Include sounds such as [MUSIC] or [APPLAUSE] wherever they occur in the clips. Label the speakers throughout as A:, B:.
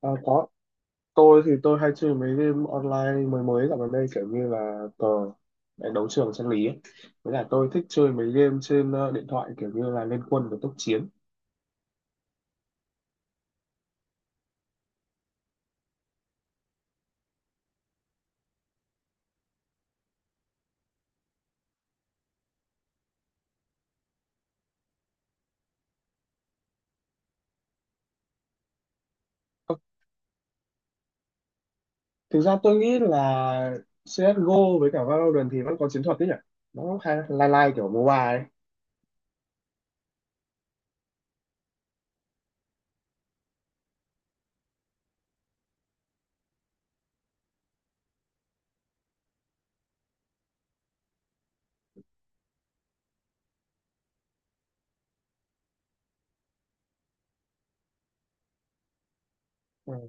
A: À, có. Tôi thì tôi hay chơi mấy game online mới mới dạo gần đây kiểu như là cờ đánh đấu trường chân lý ấy. Với lại tôi thích chơi mấy game trên điện thoại kiểu như là Liên Quân và Tốc Chiến. Ờ, thực ra tôi nghĩ là CSGO với cả Valorant thì vẫn có chiến thuật đấy nhỉ, nó cũng hay lai lai kiểu mobile ấy. Ừ.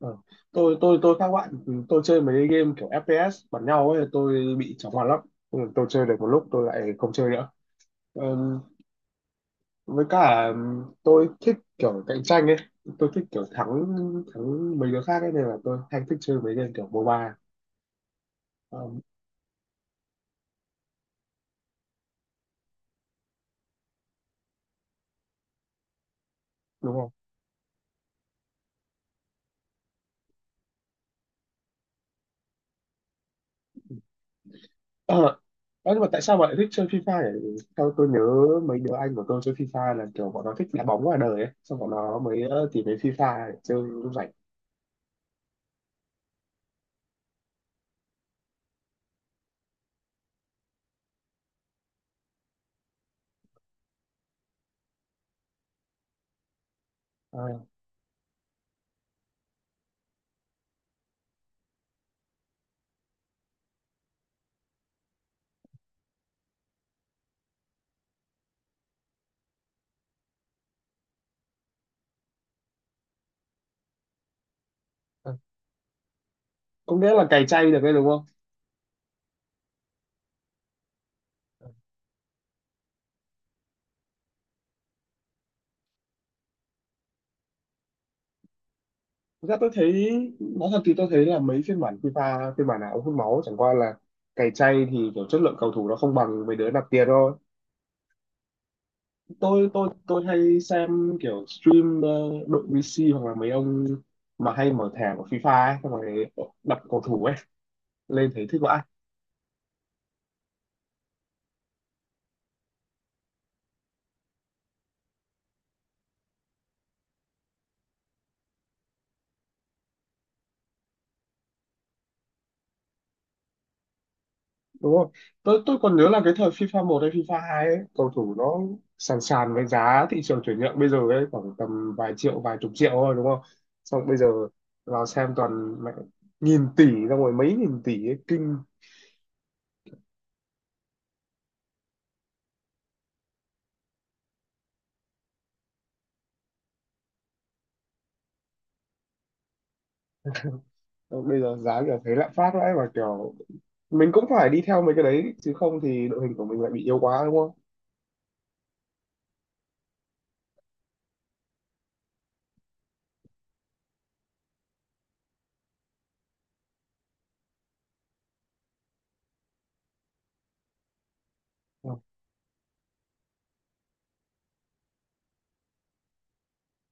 A: Ừ. Tôi khác bạn, tôi chơi mấy game kiểu FPS bắn nhau ấy tôi bị chóng mặt lắm. Ừ, tôi chơi được một lúc tôi lại không chơi nữa. Ừ, với cả tôi thích kiểu cạnh tranh ấy, tôi thích kiểu thắng, thắng mấy đứa khác ấy nên là tôi hay thích chơi mấy game kiểu MOBA. Ờ, đúng không? [CLEARS THROAT] Ờ. Ơ, nhưng mà tại sao bạn lại thích chơi FIFA nhỉ? Sao tôi nhớ mấy đứa anh của tôi chơi FIFA là kiểu bọn nó thích đá bóng ngoài đời ấy, xong bọn nó mới tìm đến FIFA để chơi lúc rảnh. À, à. Có nghĩa là cày chay được đấy đúng không? Thực ra tôi thấy, nói thật thì tôi thấy là mấy phiên bản FIFA phiên bản nào cũng hút máu, chẳng qua là cày chay thì kiểu chất lượng cầu thủ nó không bằng mấy đứa nạp tiền thôi. Tôi hay xem kiểu stream đội VC hoặc là mấy ông mà hay mở thẻ của FIFA ấy, xong rồi đặt cầu thủ ấy lên thấy thích vãi. Đúng không? Tôi còn nhớ là cái thời FIFA một hay FIFA 2 ấy cầu thủ nó sàn sàn với giá thị trường chuyển nhượng bây giờ ấy, khoảng tầm vài triệu vài chục triệu thôi đúng không? Xong bây giờ vào xem toàn mẹ nghìn tỷ, xong rồi mấy nghìn tỷ ấy, kinh. Xong bây giờ giá kiểu thấy lạm phát vãi và kiểu mình cũng phải đi theo mấy cái đấy chứ không thì đội hình của mình lại bị yếu quá đúng không?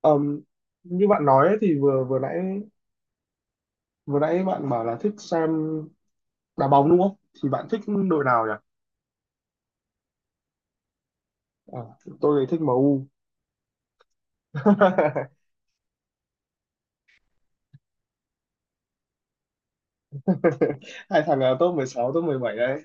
A: Ờm, Như bạn nói ấy, thì vừa vừa nãy bạn bảo là thích xem đá bóng đúng không? Thì bạn thích đội nào nhỉ? À, tôi thì thích MU. [LAUGHS] Hai thằng top 16, top 17 đấy.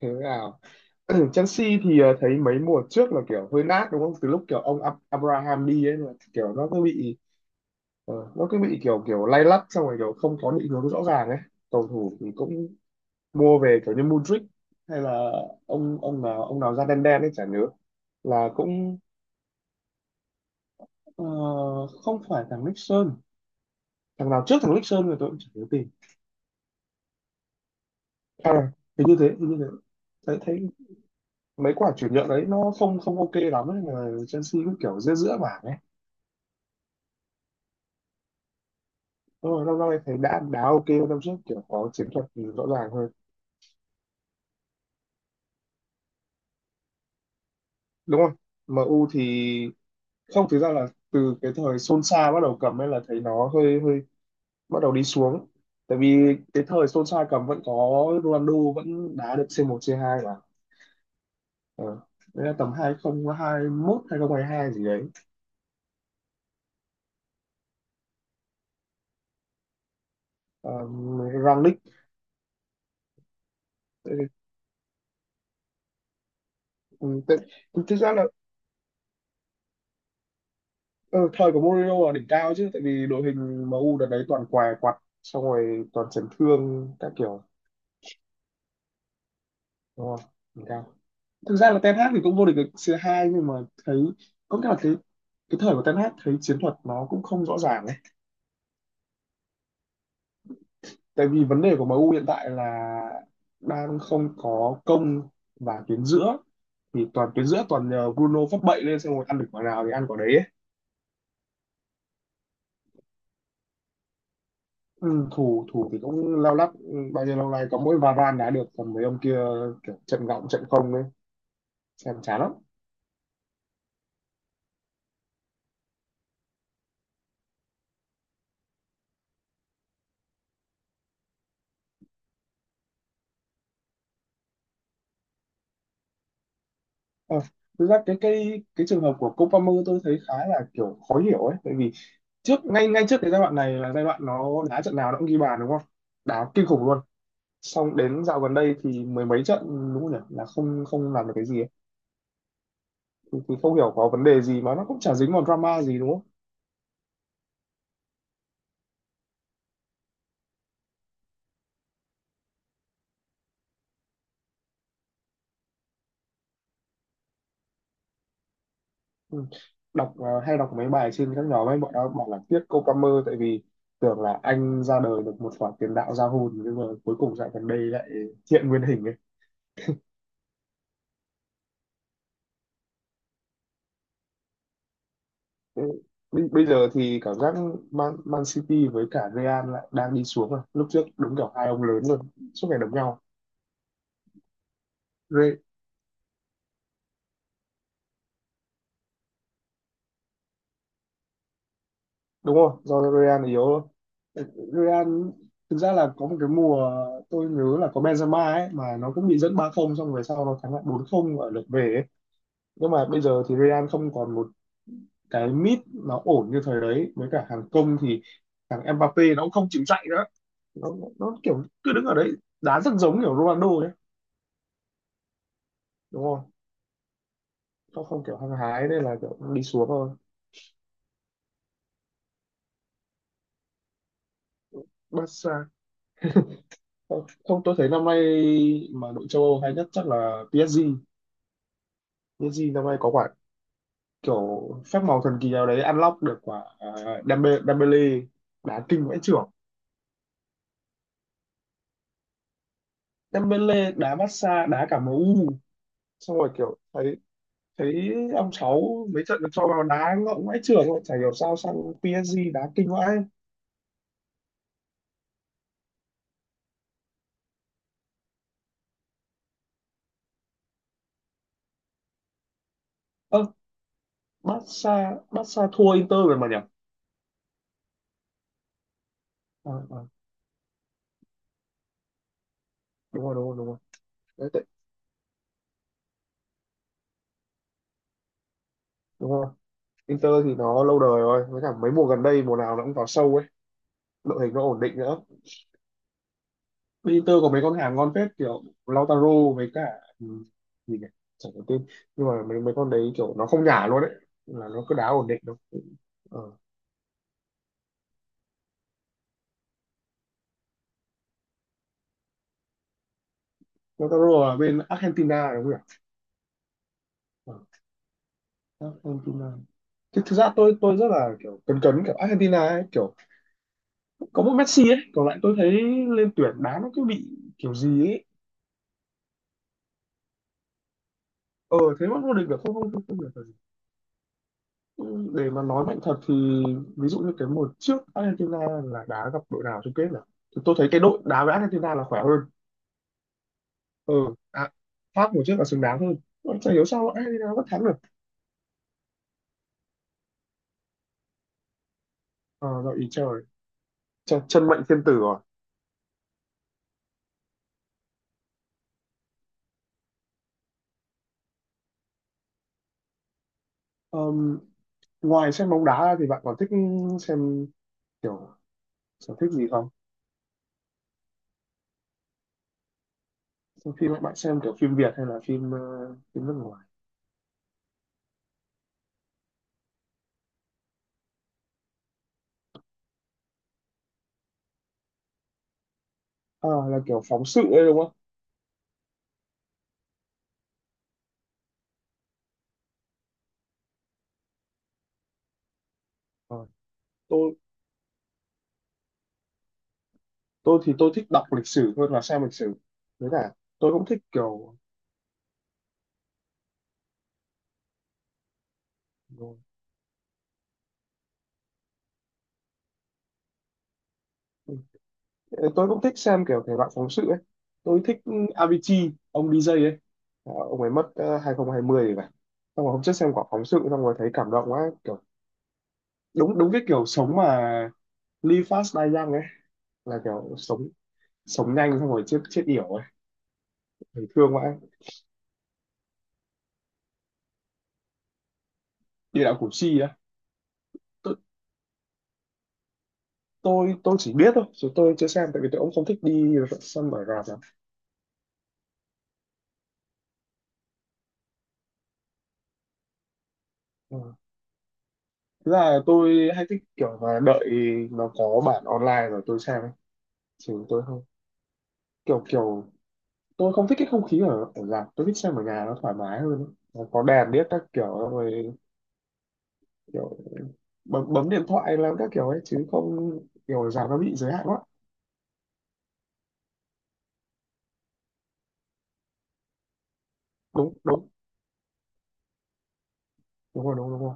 A: Thế nào? [CLEARS THROAT] Chelsea thì thấy mấy mùa trước là kiểu hơi nát đúng không? Từ lúc kiểu ông Abraham đi ấy là kiểu nó cứ bị kiểu kiểu lay lắt xong rồi kiểu không có định hướng rõ ràng ấy. Cầu thủ thì cũng mua về kiểu như Mudryk hay là ông nào da đen đen ấy chả nhớ, là cũng ờ, không phải thằng Nixon, thằng nào trước thằng Nixon rồi tôi cũng chả nhớ tìm. À, hình như thế, hình như thế. Thấy thấy mấy quả chuyển nhượng đấy nó không không ok lắm ấy mà Chelsea cũng kiểu giữa giữa bảng ấy. Đúng rồi, năm nay thấy đã đá ok hơn năm trước kiểu có chiến thuật rõ ràng hơn đúng không? MU thì không, thực ra là từ cái thời Solskjaer bắt đầu cầm ấy là thấy nó hơi hơi bắt đầu đi xuống, tại vì cái thời Solskjaer cầm vẫn có Ronaldo vẫn đá được C1 C2 mà. Ờ. Đấy là tầm 2021 2022 gì đấy. Rangnick. Tại, tại, Thực ra là ờ, thời của Mourinho là đỉnh cao chứ, tại vì đội hình MU đợt đấy toàn què quặt xong rồi toàn chấn thương các kiểu, đúng không, đỉnh cao. Thực ra là Ten Hag thì cũng vô địch được C2 nhưng mà thấy có cả cái thời của Ten Hag thấy chiến thuật nó cũng không rõ ràng ấy. Tại vì vấn đề của MU hiện tại là đang không có công và tuyến giữa toàn nhờ Bruno phát bậy lên xem rồi ăn được quả nào thì ăn quả đấy ấy. Ừ, thủ thủ thì cũng lao lắc, ừ, bao nhiêu lâu nay có mỗi Varane đá được còn mấy ông kia kiểu trận gọng trận không ấy, xem chán lắm. Ờ, thực ra cái trường hợp của Cole Palmer tôi thấy khá là kiểu khó hiểu ấy, tại vì trước ngay ngay trước cái giai đoạn này là giai đoạn nó đá trận nào nó cũng ghi bàn đúng không? Đá kinh khủng luôn, xong đến dạo gần đây thì mười mấy trận đúng không nhỉ, là không không làm được cái gì ấy. Thì không hiểu có vấn đề gì mà nó cũng chả dính vào drama gì đúng không. Ừ. Hay đọc mấy bài trên các nhóm ấy bọn nó bảo là tiếc cô Palmer, tại vì tưởng là anh ra đời được một khoản tiền đạo ra hồn nhưng mà cuối cùng dạo gần đây lại hiện nguyên hình ấy. Ừ. Bây bây giờ thì cảm giác Man City với cả Real lại đang đi xuống rồi. Lúc trước đúng kiểu hai ông lớn luôn, suốt ngày đấm nhau. Đúng rồi, do Real yếu thôi. Real thực ra là có một cái mùa, tôi nhớ là có Benzema ấy mà nó cũng bị dẫn 3-0 xong về sau nó thắng lại 4-0 ở lượt về ấy. Nhưng mà bây giờ thì Real không còn một cái mid nó ổn như thời đấy với cả hàng công thì thằng Mbappé nó cũng không chịu chạy nữa. Nó, nó kiểu cứ đứng ở đấy đá rất giống kiểu Ronaldo ấy đúng không? Nó không kiểu hăng hái nên là kiểu đi xuống thôi. Barca? Không, không, tôi thấy năm nay mà đội châu Âu hay nhất chắc là PSG PSG năm nay có quả kiểu phép màu thần kỳ nào đấy unlock được quả Dembele đá kinh vãi chưởng. Dembele đá Barca đá cả em u, xong rồi kiểu thấy thấy ông cháu mấy trận được cho vào đá ngọng vãi chưởng rồi chả hiểu sao sang PSG đá kinh vãi. Ơ, Barca Barca thua Inter rồi mà nhỉ. À, à, đúng rồi, đúng rồi, đúng rồi. Đấy, đúng rồi. Inter thì nó lâu đời rồi với cả mấy mùa gần đây mùa nào nó cũng vào sâu ấy, đội hình nó ổn định nữa. Inter có mấy con hàng ngon phết kiểu Lautaro với cả, ừ, gì nhỉ, chẳng có tên, nhưng mà mấy mấy con đấy kiểu nó không nhả luôn đấy, là nó cứ đá ổn định đâu. Ờ. Lautaro là bên Argentina đúng không nhỉ? Ờ. Argentina. Thực ra tôi rất là kiểu cấn cấn kiểu Argentina ấy, kiểu có một Messi ấy còn lại tôi thấy lên tuyển đá nó cứ bị kiểu gì ấy. Ờ thế mà vô địch được, không không không, không được. Để mà nói mạnh thật thì ví dụ như cái mùa trước Argentina là đá gặp đội nào chung kết nhỉ, thì tôi thấy cái đội đá với Argentina là khỏe hơn. Ừ. À, Pháp mùa trước là xứng đáng hơn. Tôi chả hiểu sao Argentina vẫn thắng được. Ờ, do ý trời, chân mệnh thiên tử rồi. Ờm, Ngoài xem bóng đá ra thì bạn còn thích xem kiểu sở thích gì không? Xem phim bạn xem kiểu phim Việt hay là phim phim nước ngoài? À, là kiểu phóng sự ấy đúng không? Ờ, tôi tôi thích đọc lịch sử hơn là xem lịch sử. Với cả, tôi cũng thích kiểu tôi cũng thích xem kiểu thể loại phóng sự ấy. Tôi thích Avicii ông DJ ấy. Ờ, ông ấy mất 2020 rồi phải, xong rồi hôm trước xem quả phóng sự xong rồi thấy cảm động quá kiểu đúng đúng cái kiểu sống mà live fast die young ấy, là kiểu sống sống nhanh xong rồi chết chết yểu ấy. Thấy thương quá. Địa đạo Củ Chi á? Tôi tôi tôi chỉ biết thôi chứ tôi chưa xem tại vì tôi cũng không thích đi xem ở rạp lắm. Ờ. Thực là tôi hay thích kiểu là đợi nó có bản online rồi tôi xem ấy. Chứ tôi không kiểu kiểu, tôi không thích cái không khí ở ở rạp, tôi thích xem ở nhà nó thoải mái hơn ấy. Nó có đèn biết các kiểu rồi kiểu bấm bấm điện thoại làm các kiểu ấy chứ không kiểu ở rạp nó bị giới hạn quá. Đúng, đúng, đúng rồi, đúng rồi, đúng rồi.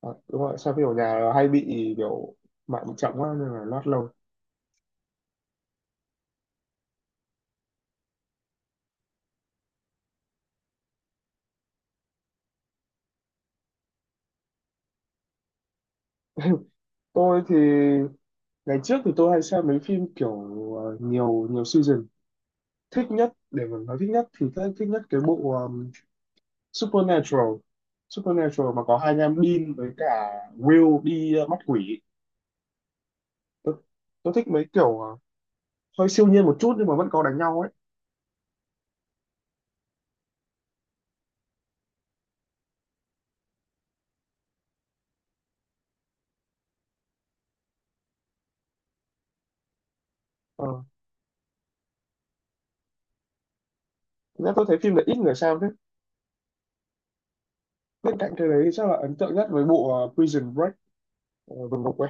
A: À, đúng rồi xem phim ở nhà là hay bị kiểu mạng bị chậm quá nên là lót lâu. Tôi thì, ngày trước thì tôi hay xem mấy phim kiểu nhiều nhiều season. Thích nhất để mà nói thích nhất thì thích nhất cái bộ Supernatural Supernatural mà có hai anh em Dean với cả Will đi mắt quỷ. Tôi, tôi thích mấy kiểu hơi siêu nhiên một chút nhưng mà vẫn có đánh nhau ấy. Ờ. Thế nên tôi thấy phim này ít người xem thế. Bên cạnh cái đấy thì chắc là ấn tượng nhất với bộ Prison Break, vân ngục ấy.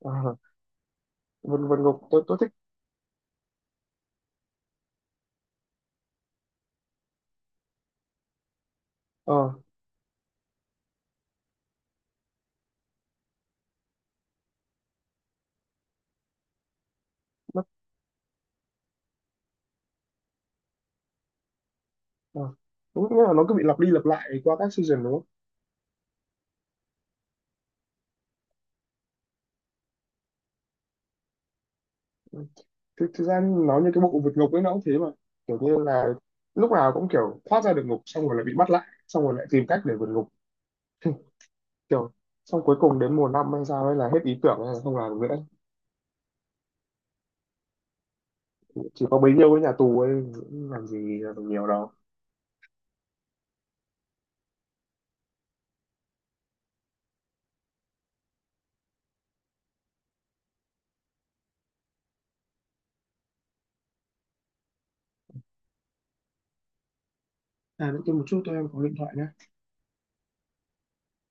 A: Ờ, vân vân ngục tôi thích. Ờ nó- ờ. Đúng nghĩa là nó cứ bị lặp đi lặp lại qua các season đúng không? Ừ. Thực ra nó như cái bộ vượt ngục ấy nó cũng thế mà, kiểu như là lúc nào cũng kiểu thoát ra được ngục xong rồi lại bị bắt lại xong rồi lại tìm cách để vượt ngục, kiểu xong cuối cùng đến mùa năm hay sao ấy là hết ý tưởng hay là không làm được nữa, chỉ có bấy nhiêu cái nhà tù ấy làm gì làm được nhiều đâu. À nữa kia một chút tôi em có điện thoại nhé.